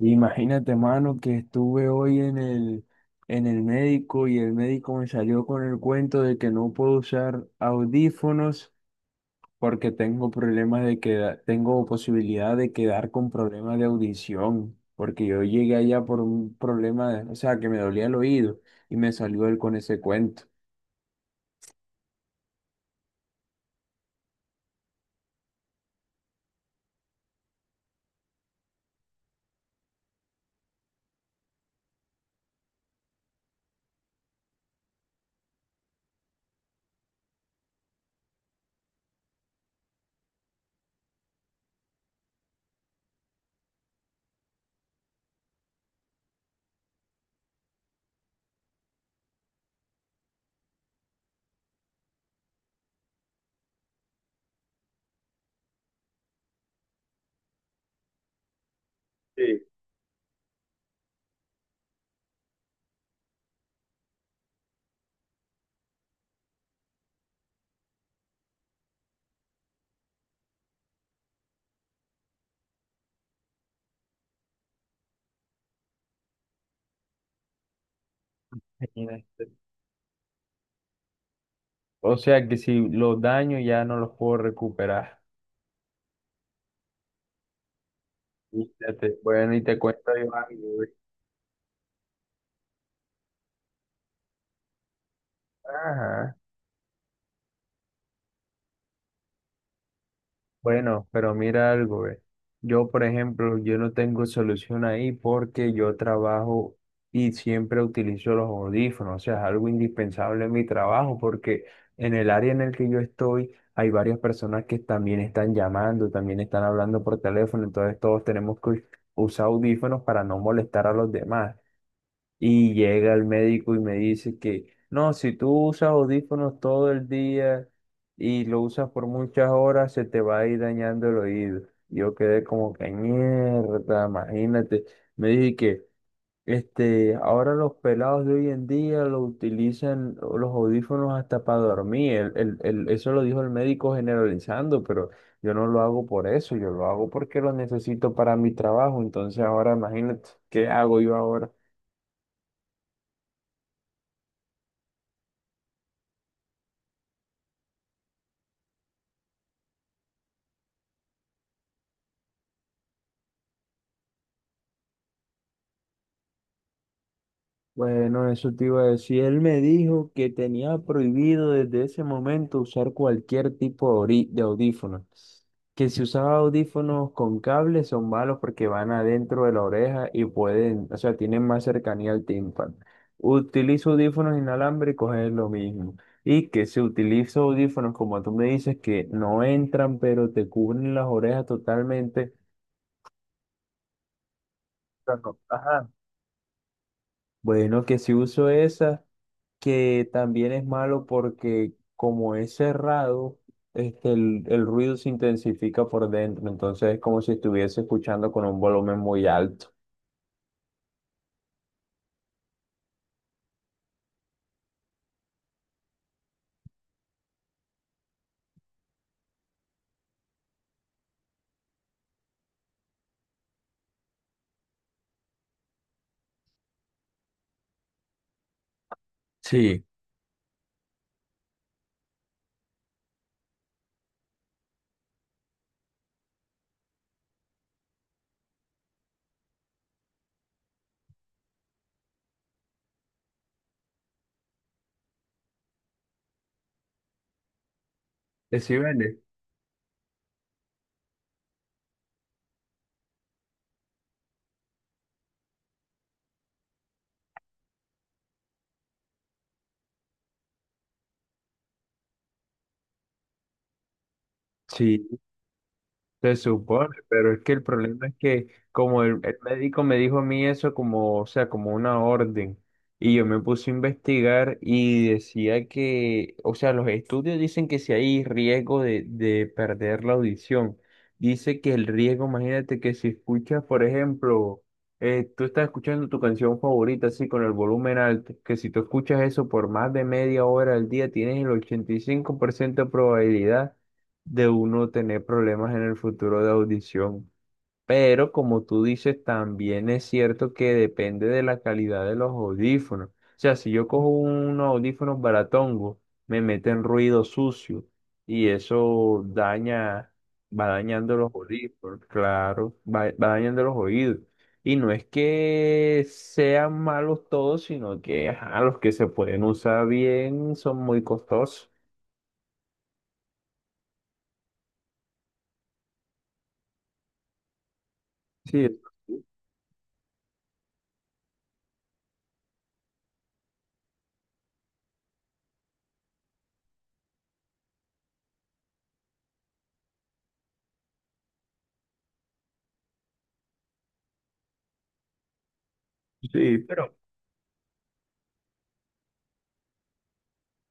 Imagínate, mano, que estuve hoy en el médico y el médico me salió con el cuento de que no puedo usar audífonos porque tengo problemas de queda- tengo posibilidad de quedar con problemas de audición, porque yo llegué allá por un problema, de- o sea, que me dolía el oído y me salió él con ese cuento. Sí. Imagínate. O sea, que si los daño ya no los puedo recuperar. Fíjate. Bueno, y te cuento yo algo. Ajá. Bueno, pero mira algo, ve. Yo, por ejemplo, yo no tengo solución ahí porque yo trabajo y siempre utilizo los audífonos, o sea, es algo indispensable en mi trabajo porque en el área en el que yo estoy hay varias personas que también están llamando, también están hablando por teléfono, entonces todos tenemos que usar audífonos para no molestar a los demás. Y llega el médico y me dice que no, si tú usas audífonos todo el día y lo usas por muchas horas, se te va a ir dañando el oído. Yo quedé como que mierda, imagínate. Me dije que ahora los pelados de hoy en día lo utilizan o los audífonos hasta para dormir. Eso lo dijo el médico generalizando, pero yo no lo hago por eso, yo lo hago porque lo necesito para mi trabajo. Entonces ahora imagínate, ¿qué hago yo ahora? Bueno, eso te iba a decir. Él me dijo que tenía prohibido desde ese momento usar cualquier tipo de ori- de audífonos. Que si usaba audífonos con cables son malos porque van adentro de la oreja y pueden, o sea, tienen más cercanía al tímpano. Utilizo audífonos inalámbricos, es lo mismo. Y que si utilizo audífonos, como tú me dices, que no entran, pero te cubren las orejas totalmente. O sea, no- Ajá. Bueno, que si uso esas. Que también es malo porque como es cerrado, el ruido se intensifica por dentro, entonces es como si estuviese escuchando con un volumen muy alto. Sí. ¿Sí vende? Sí. Se supone, pero es que el problema es que como el médico me dijo a mí eso como, o sea, como una orden, y yo me puse a investigar y decía que, o sea, los estudios dicen que si hay riesgo de perder la audición, dice que el riesgo, imagínate que si escuchas, por ejemplo, tú estás escuchando tu canción favorita así con el volumen alto, que si tú escuchas eso por más de media hora al día, tienes el 85% de probabilidad de uno tener problemas en el futuro de audición. Pero como tú dices, también es cierto que depende de la calidad de los audífonos. O sea, si yo cojo unos audífonos baratongo, me meten ruido sucio y eso daña, va dañando los audífonos, claro, va dañando los oídos. Y no es que sean malos todos, sino que ajá, los que se pueden usar bien son muy costosos. Sí, sí, pero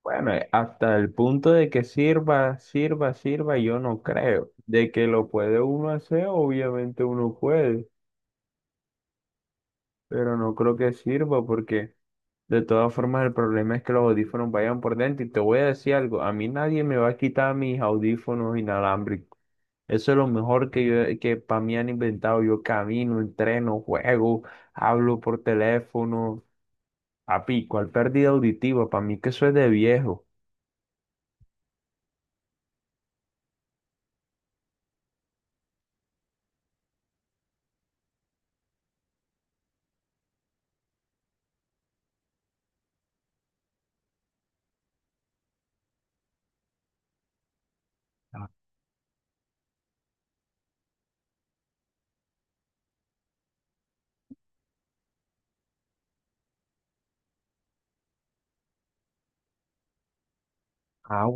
bueno, hasta el punto de que sirva, sirva, sirva, yo no creo. De que lo puede uno hacer, obviamente uno puede, pero no creo que sirva porque de todas formas el problema es que los audífonos vayan por dentro. Y te voy a decir algo, a mí nadie me va a quitar mis audífonos inalámbricos. Eso es lo mejor que yo, que para mí han inventado. Yo camino, entreno, juego, hablo por teléfono. Papi, ¿cuál pérdida auditiva? Para mí que eso es de viejo. Ah, ah.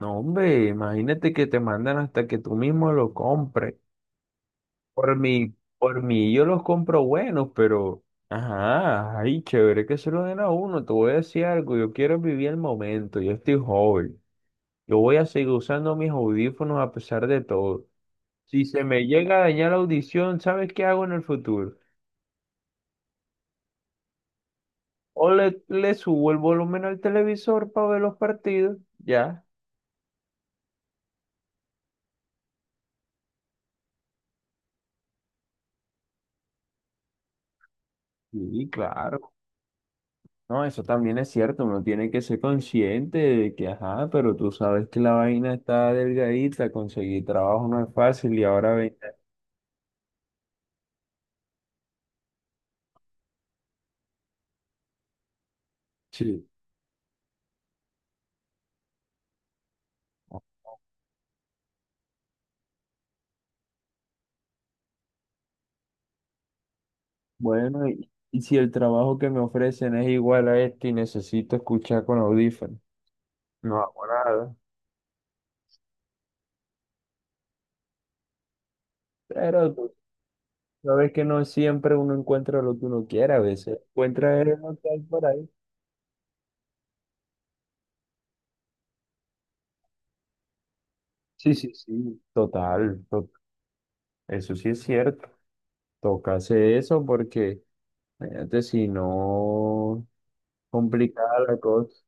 No, hombre, imagínate que te mandan hasta que tú mismo lo compres. Por mí yo los compro buenos, pero, ajá, ay, chévere que se lo den a uno. Te voy a decir algo, yo quiero vivir el momento, yo estoy joven. Yo voy a seguir usando mis audífonos a pesar de todo. Si se me llega a dañar la audición, ¿sabes qué hago en el futuro? O le subo el volumen al televisor para ver los partidos, ya. Sí, claro. No, eso también es cierto, uno tiene que ser consciente de que, ajá, pero tú sabes que la vaina está delgadita, conseguir trabajo no es fácil y ahora ven, sí, bueno, y si el trabajo que me ofrecen es igual a este y necesito escuchar con audífonos, no hago nada. Pero tú sabes que no siempre uno encuentra lo que uno quiere, a veces encuentra el no que hay por ahí. Sí, sí, sí. Total, to- eso sí es cierto. Toca hacer eso porque, fíjate, si no. Complicada la cosa.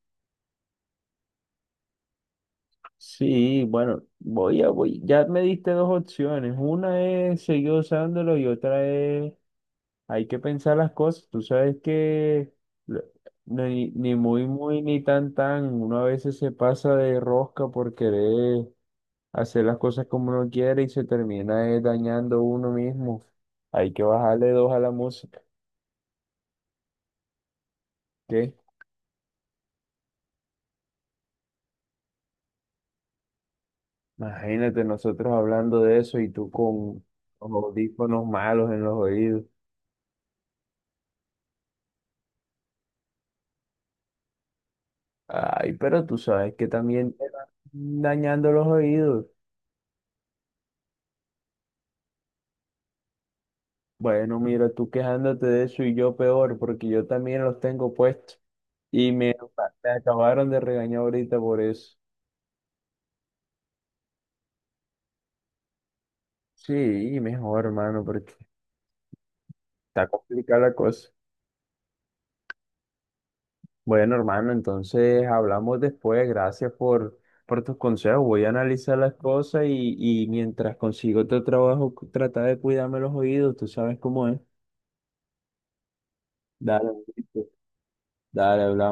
Sí, bueno, voy, ya me diste dos opciones. Una es seguir usándolo y otra es hay que pensar las cosas. Tú sabes que lo- ni, ni muy, muy, ni tan, tan. Uno a veces se pasa de rosca por querer hacer las cosas como uno quiere y se termina dañando uno mismo. Hay que bajarle dos a la música. ¿Qué? Imagínate nosotros hablando de eso y tú con los audífonos malos en los oídos. Ay, pero tú sabes que también te van dañando los oídos. Bueno, mira, tú quejándote de eso y yo peor, porque yo también los tengo puestos y me, me acabaron de regañar ahorita por eso. Sí, mejor, hermano, porque está complicada la cosa. Bueno, hermano, entonces hablamos después. Gracias por tus consejos. Voy a analizar las cosas y mientras consigo otro trabajo, trata de cuidarme los oídos. Tú sabes cómo es. Dale, listo. Dale, hablamos.